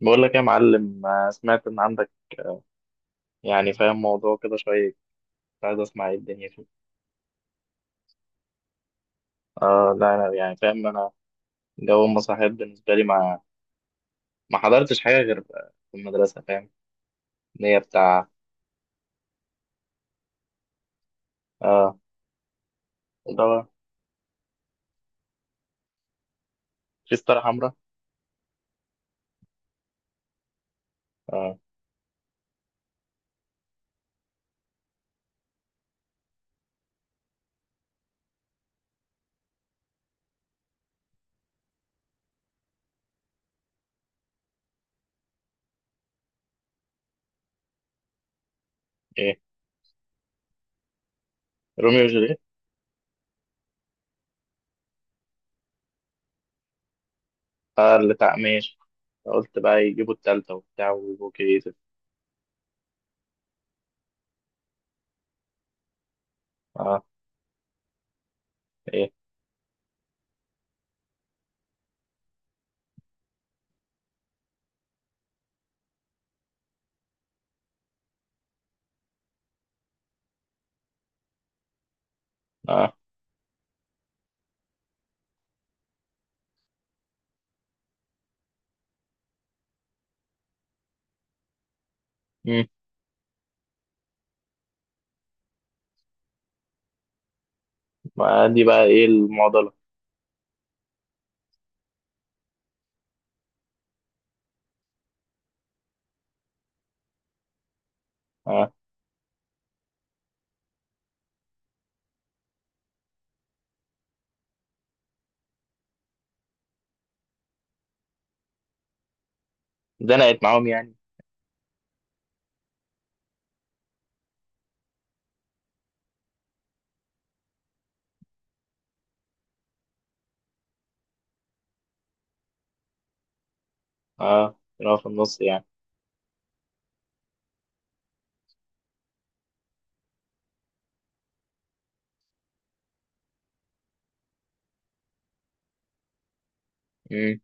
بقول لك يا معلم سمعت ان عندك. آه. يعني فاهم موضوع كده شويه. كنت عايز اسمع ايه الدنيا فيه. اه، لا انا يعني فاهم انا جو المسرحيات بالنسبه لي، ما حضرتش حاجه غير في المدرسه، فاهم ان هي بتاع. اه، اللي هو في ستاره حمراء. اه. ايه، روميو وجوليت. اه، اللي بتاع، ماشي. قلت بقى يجيبوا التالتة وبتاع ويبقوا كريتيف. اه. ايه. اه. مم. ما دي بقى ايه المعضله؟ اه، زنقت معاهم يعني. اه، كانوا في النص يعني. امم.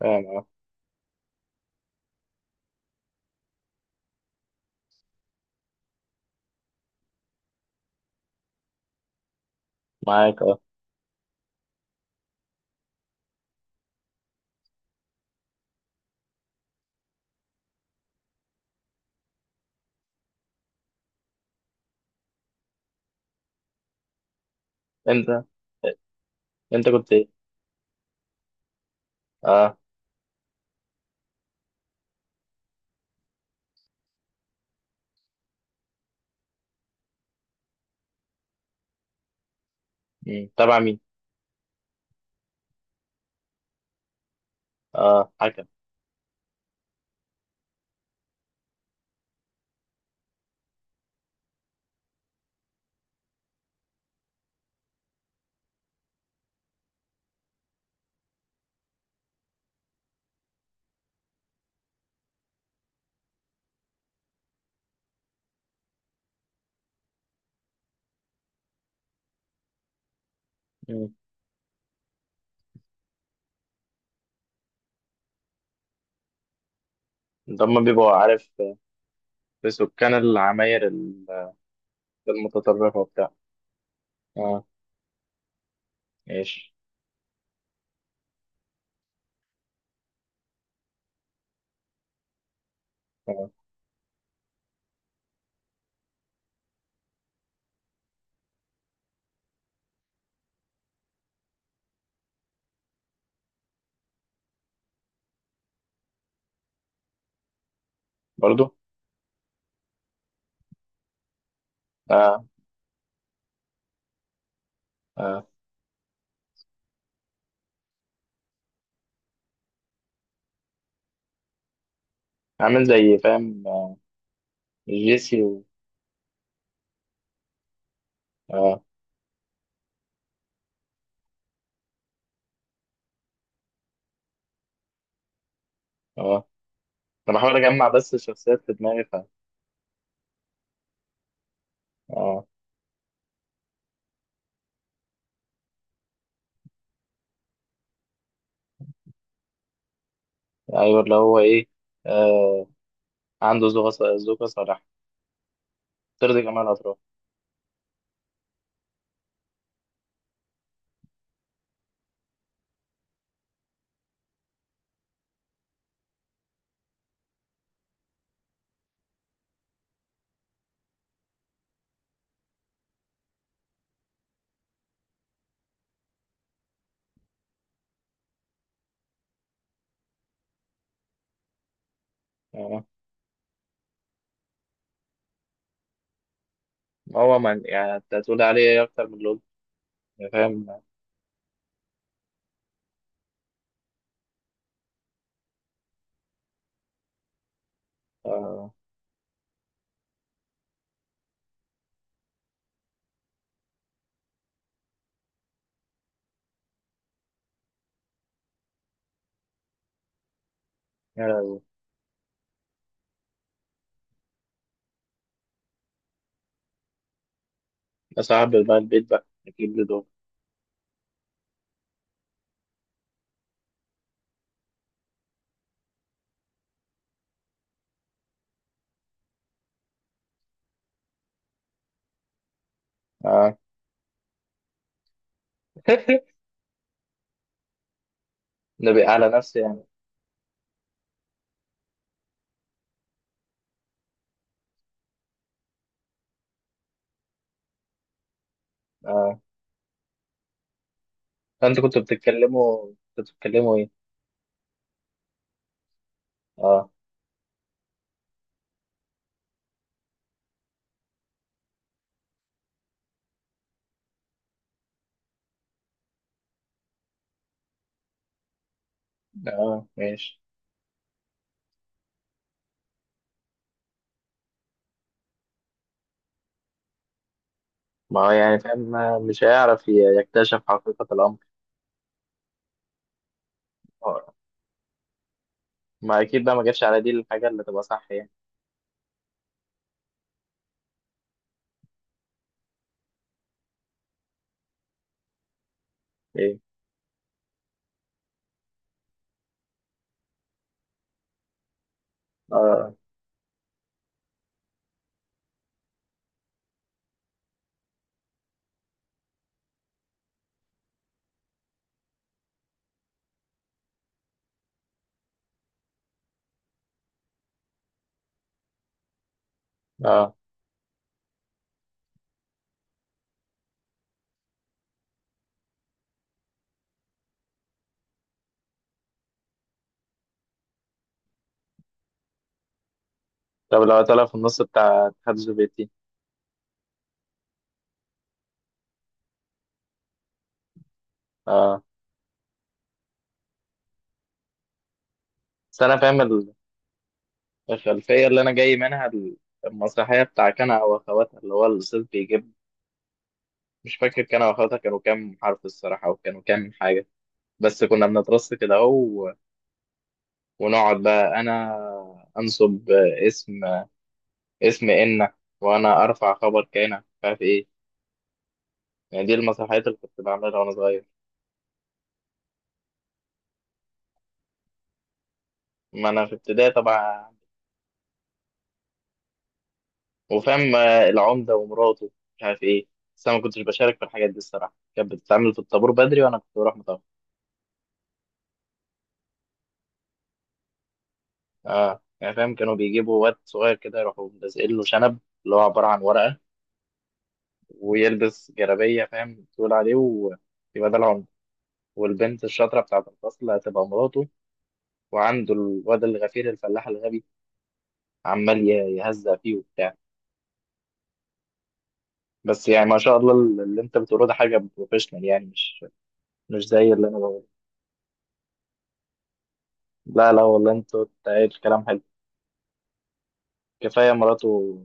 فاهم. اه. معاك اه. انت انت كنت ايه؟ اه. مم. تبع مين؟ اه، حكم. مم. ده هم بيبقوا عارف في سكان العماير المتطرفة وبتاع. اه، ماشي. آه. برضو. اه. اه. عامل زي فاهم جيسي و... اه. اه. انا بحاول اجمع بس الشخصيات في دماغي، ف اه. ايوه، اللي هو ايه. آه. عنده ذوق ذوق صلاح، ترضي جميع الاطراف. اه، هو من يعني انت هتقول عليه ايه اكتر من لول؟ فاهم. اه. يا لهوي. أصعب بقى البيت بقى أجيب له دول. آه. نبي على نفسي يعني. آه. أنت كنت بتتكلموا، كنت بتتكلموا إيه؟ آه. آه. ماشي. ما هو يعني فاهم، مش هيعرف يكتشف حقيقة الأمر. آه. ما أكيد بقى ما جاتش على دي الحاجة اللي تبقى صح يعني. إيه. آه. آه. طب لو طلع في النص بتاع الاتحاد السوفيتي. آه. بس أنا فاهم الخلفية اللي أنا جاي منها، المسرحية بتاع كنا وأخواتها، اللي هو الأستاذ بيجيب. مش فاكر كنا وأخواتها كانوا كام حرف الصراحة، وكانوا كام حاجة. بس كنا بنترص كده اهو، ونقعد بقى انا انصب اسم اسم انك، وانا ارفع خبر كانك، مش عارف ايه. يعني دي المسرحيات اللي كنت بعملها وانا صغير. ما انا في ابتدائي طبعا. وفاهم، العمده ومراته، مش عارف ايه. بس انا ما كنتش بشارك في الحاجات دي الصراحه، كانت بتتعمل في الطابور بدري وانا كنت بروح متاخر. اه، يعني فاهم، كانوا بيجيبوا واد صغير كده يروحوا لازقين له شنب اللي هو عباره عن ورقه، ويلبس جلابيه فاهم تقول عليه، ويبقى ده العمده. والبنت الشاطرة بتاعة الفصل هتبقى مراته. وعنده الواد الغفير الفلاح الغبي، عمال يهزأ فيه وبتاع. بس يعني ما شاء الله، اللي انت بتقوله ده حاجة بروفيشنال يعني، مش مش زي اللي انا بقوله. لا لا، والله انت قايل كلام حلو. كفاية مراته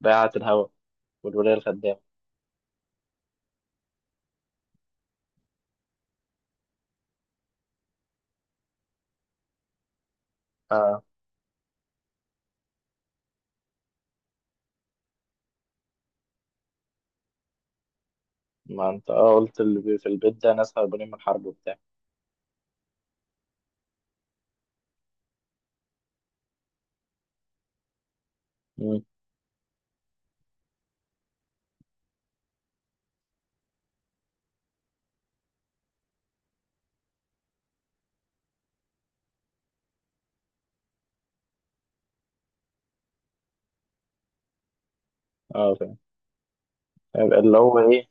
بيعت الهوا، والولاية الخدامة. اه، ما انت اه قلت اللي في البيت ده ناس هربانين من الحرب وبتاع. مم. اه، فاهم. يبقى اللي هو ايه،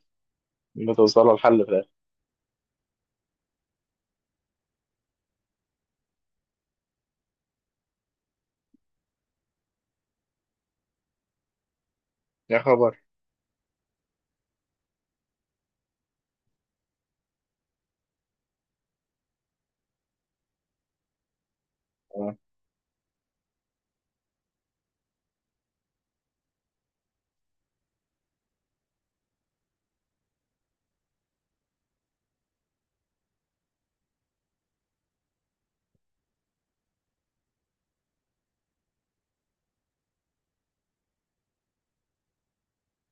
بتوصلوا لحل في الاخر. يا خبر. آه.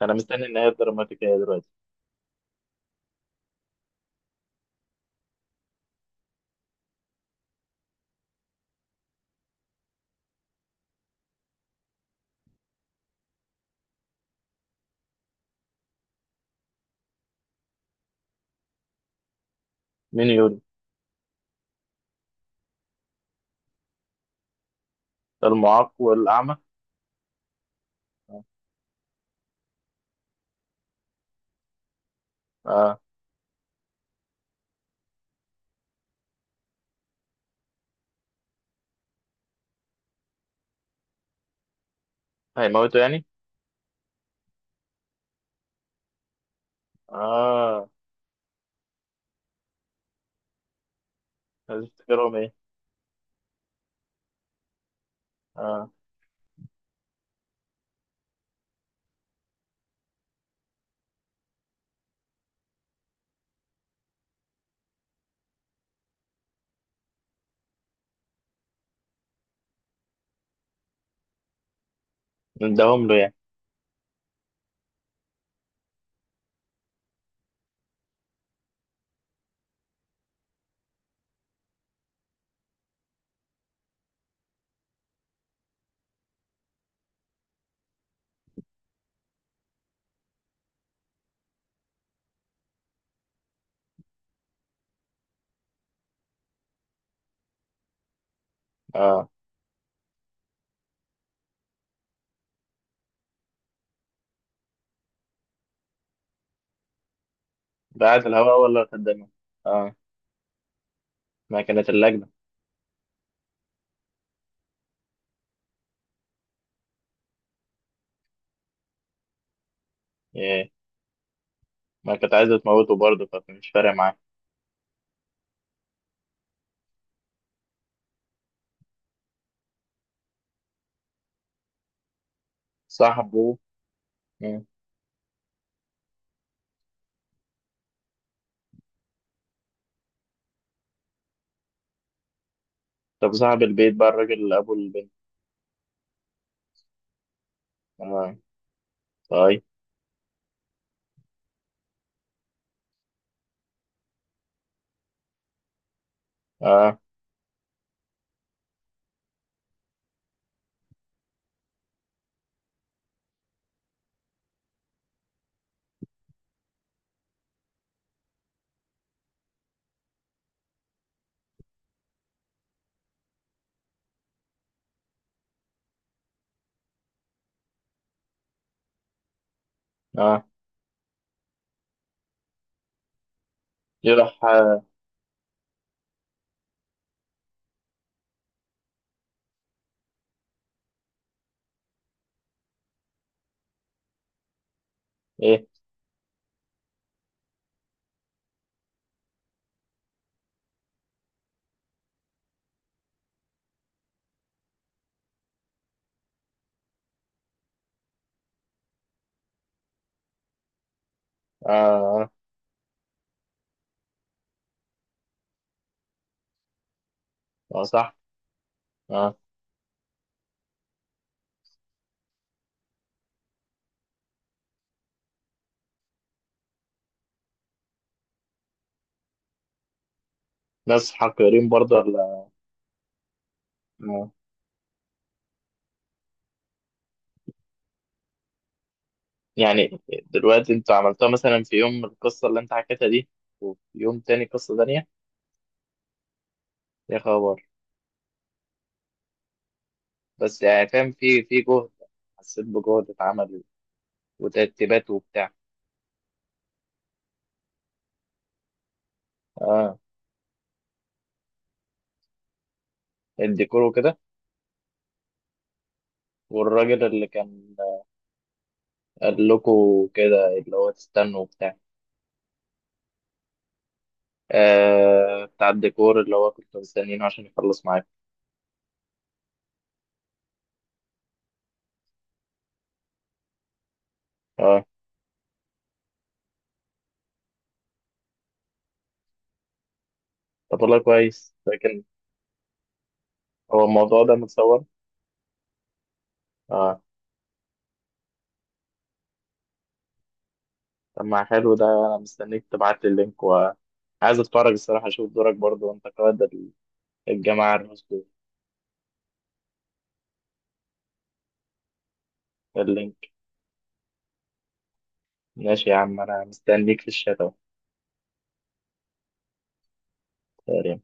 انا مستني النهاية الدراماتيكية دلوقتي. مين يقول؟ المعاق والأعمى؟ آه. هيموتوا يعني؟ آه. عايز تفتكرهم إيه؟ آه. نداهم له يعني. آه. بعت الهواء ولا خدامه؟ آه. ما كانت اللجنة. إيه. ما كانت عايزة تموته برضه، فمش فارق معاه. صاحبه. مم. طب صاحب البيت بقى، الراجل اللي أبو البنت. آه. طيب. آه. آه، يروح آه. إيه. آه. آه. آه، صح. آه. ناس حقيرين برضه ولا؟ آه. يعني دلوقتي انت عملتها مثلا في يوم القصة اللي انت حكيتها دي، وفي يوم تاني قصة تانية؟ يا خبر. بس يعني فاهم في في جهد، حسيت بجهد اتعمل، وترتيبات وبتاع. اه، الديكور وكده. والراجل اللي كان قال لكم كده، اللي هو تستنوا وبتاع. آه، بتاع الديكور اللي هو كنتوا مستنيينه عشان يخلص معاكم. اه. طب والله كويس، لكن هو الموضوع ده متصور. اه. طب ما حلو، ده انا مستنيك تبعت لي اللينك، وعايز اتفرج الصراحه اشوف دورك برضو، وانت قائد الجماعه الرسمي. اللينك. ماشي يا عم، انا مستنيك في الشات اهو.